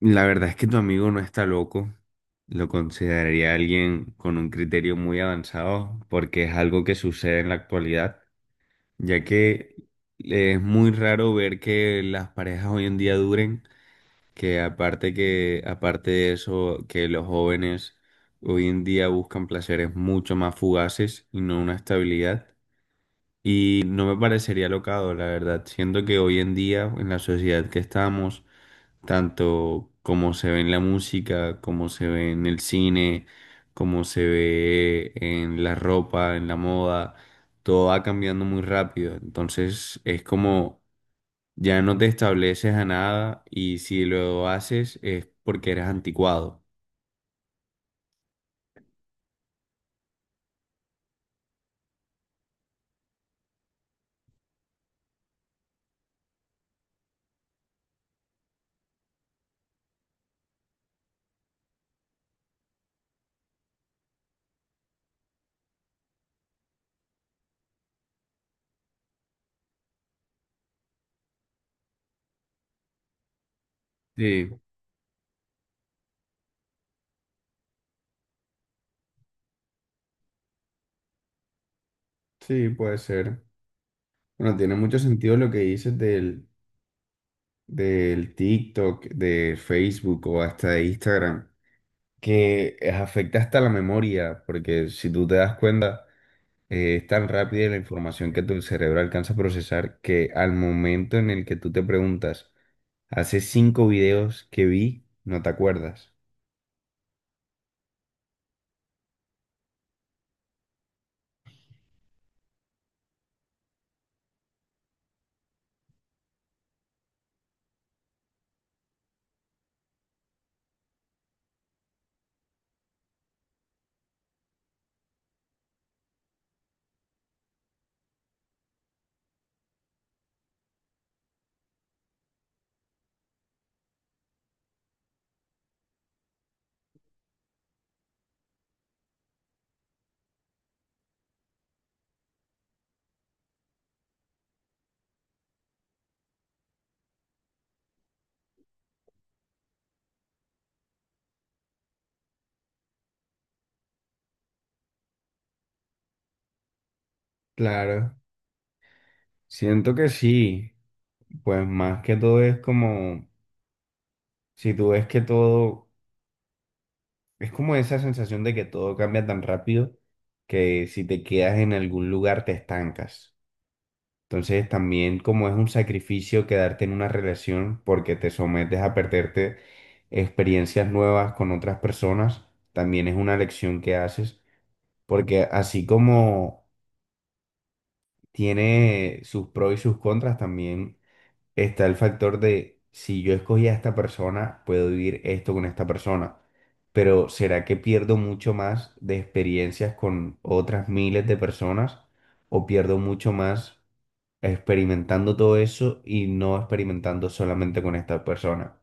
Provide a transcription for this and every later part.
La verdad es que tu amigo no está loco. Lo consideraría alguien con un criterio muy avanzado porque es algo que sucede en la actualidad, ya que es muy raro ver que las parejas hoy en día duren, que aparte de eso, que los jóvenes hoy en día buscan placeres mucho más fugaces y no una estabilidad. Y no me parecería locado, la verdad. Siento que hoy en día, en la sociedad que estamos, tanto como se ve en la música, como se ve en el cine, como se ve en la ropa, en la moda, todo va cambiando muy rápido. Entonces es como ya no te estableces a nada y si lo haces es porque eres anticuado. Sí, sí, puede ser. Bueno, tiene mucho sentido lo que dices del TikTok, de Facebook o hasta de Instagram, que afecta hasta la memoria, porque si tú te das cuenta, es tan rápida la información que tu cerebro alcanza a procesar que al momento en el que tú te preguntas, hace 5 videos que vi, no te acuerdas. Claro, siento que sí, pues más que todo es como, si tú ves que todo, es como esa sensación de que todo cambia tan rápido que si te quedas en algún lugar te estancas. Entonces también como es un sacrificio quedarte en una relación porque te sometes a perderte experiencias nuevas con otras personas, también es una lección que haces, porque así como tiene sus pros y sus contras, también está el factor de si yo escogí a esta persona, puedo vivir esto con esta persona, pero ¿será que pierdo mucho más de experiencias con otras miles de personas o pierdo mucho más experimentando todo eso y no experimentando solamente con esta persona?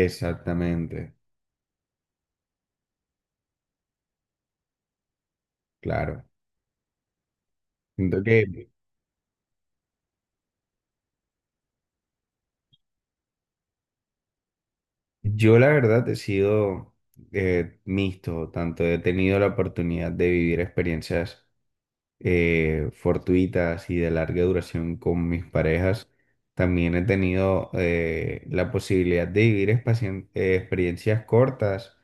Exactamente, claro. Siento que yo la verdad he sido mixto, tanto he tenido la oportunidad de vivir experiencias fortuitas y de larga duración con mis parejas. También he tenido la posibilidad de vivir experiencias cortas,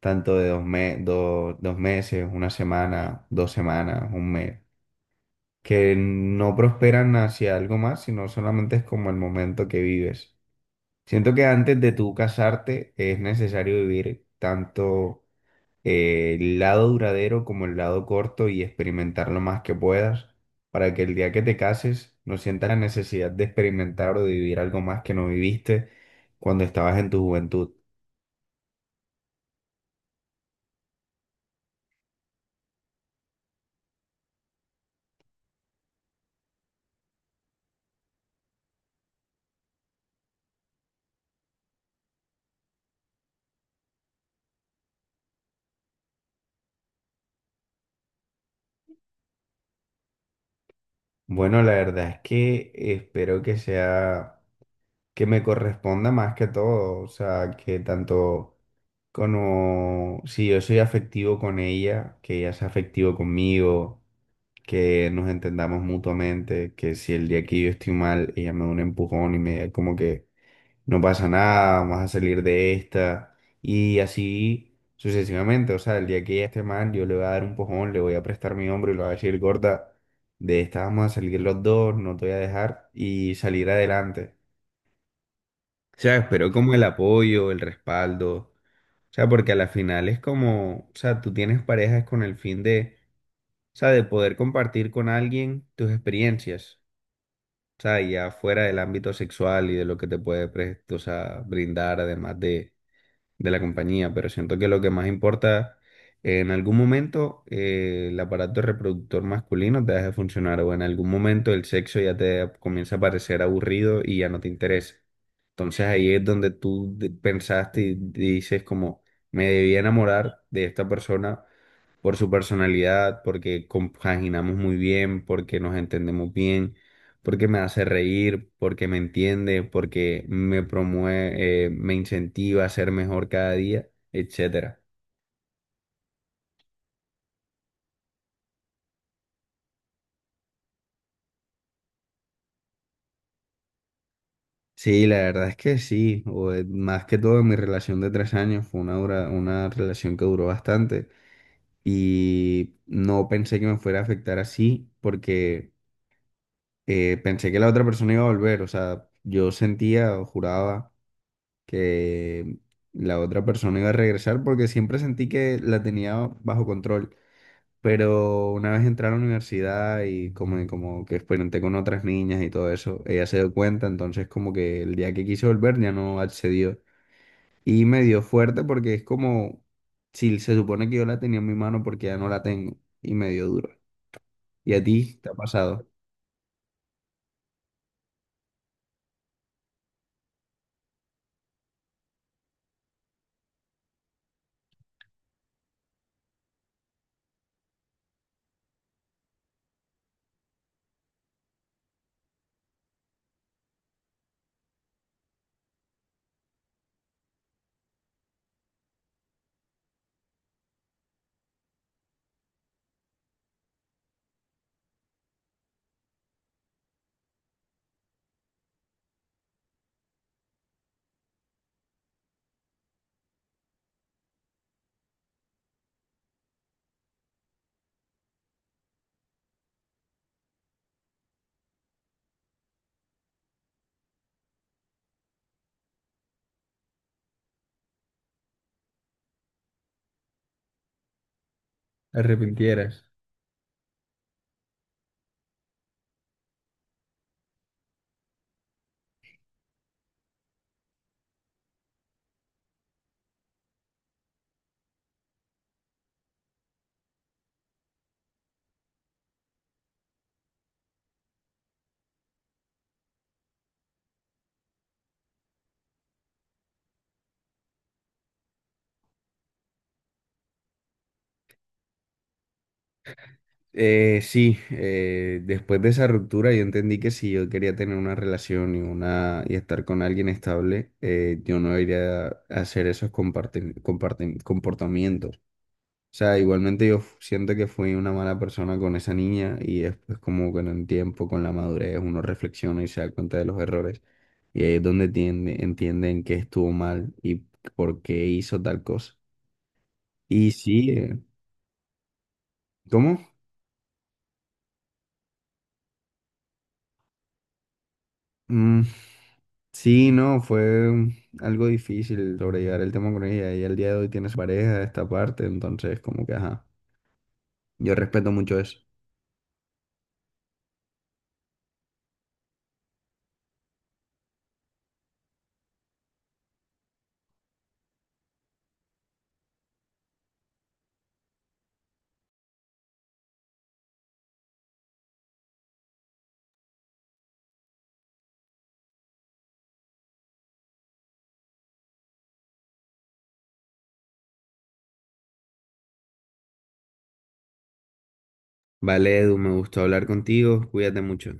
tanto de 2 meses, 1 semana, 2 semanas, un mes, que no prosperan hacia algo más, sino solamente es como el momento que vives. Siento que antes de tú casarte es necesario vivir tanto el lado duradero como el lado corto y experimentar lo más que puedas para que el día que te cases no sientas la necesidad de experimentar o de vivir algo más que no viviste cuando estabas en tu juventud. Bueno, la verdad es que espero que sea, que me corresponda más que todo, o sea, que tanto como si yo soy afectivo con ella, que ella sea afectivo conmigo, que nos entendamos mutuamente, que si el día que yo estoy mal, ella me da un empujón y me diga como que no pasa nada, vamos a salir de esta, y así sucesivamente. O sea, el día que ella esté mal, yo le voy a dar un empujón, le voy a prestar mi hombro y le voy a decir, gorda, de esta vamos a salir los dos, no te voy a dejar, y salir adelante. O sea, espero como el apoyo, el respaldo. O sea, porque a la final es como, o sea, tú tienes parejas con el fin de, o sea, de poder compartir con alguien tus experiencias, o sea, ya fuera del ámbito sexual y de lo que te puede, o sea, brindar además de la compañía, pero siento que lo que más importa, en algún momento el aparato reproductor masculino te deja de funcionar o en algún momento el sexo ya te comienza a parecer aburrido y ya no te interesa. Entonces ahí es donde pensaste y dices como, me debía enamorar de esta persona por su personalidad, porque compaginamos muy bien, porque nos entendemos bien, porque me hace reír, porque me entiende, porque me promueve, me incentiva a ser mejor cada día, etcétera. Sí, la verdad es que sí, más que todo en mi relación de 3 años fue una relación que duró bastante, y no pensé que me fuera a afectar así porque pensé que la otra persona iba a volver, o sea, yo sentía o juraba que la otra persona iba a regresar porque siempre sentí que la tenía bajo control, pero una vez entré a la universidad y como, como que experimenté con otras niñas y todo eso, ella se dio cuenta, entonces como que el día que quise volver ya no accedió y me dio fuerte porque es como... si se supone que yo la tenía en mi mano porque ya no la tengo y me dio duro. ¿Y a ti te ha pasado? ¿Te arrepintieras? Sí, después de esa ruptura yo entendí que si yo quería tener una relación y estar con alguien estable, yo no iría a hacer esos comportamientos. O sea, igualmente siento que fui una mala persona con esa niña y después como con el tiempo, con la madurez, uno reflexiona y se da cuenta de los errores. Y ahí es donde entienden que estuvo mal y por qué hizo tal cosa. Y sí, ¿cómo? Mm, sí, no, fue algo difícil sobrellevar el tema con ella. Ella al día de hoy tiene su pareja de esta parte, entonces como que, ajá, yo respeto mucho eso. Vale, Edu, me gustó hablar contigo, cuídate mucho.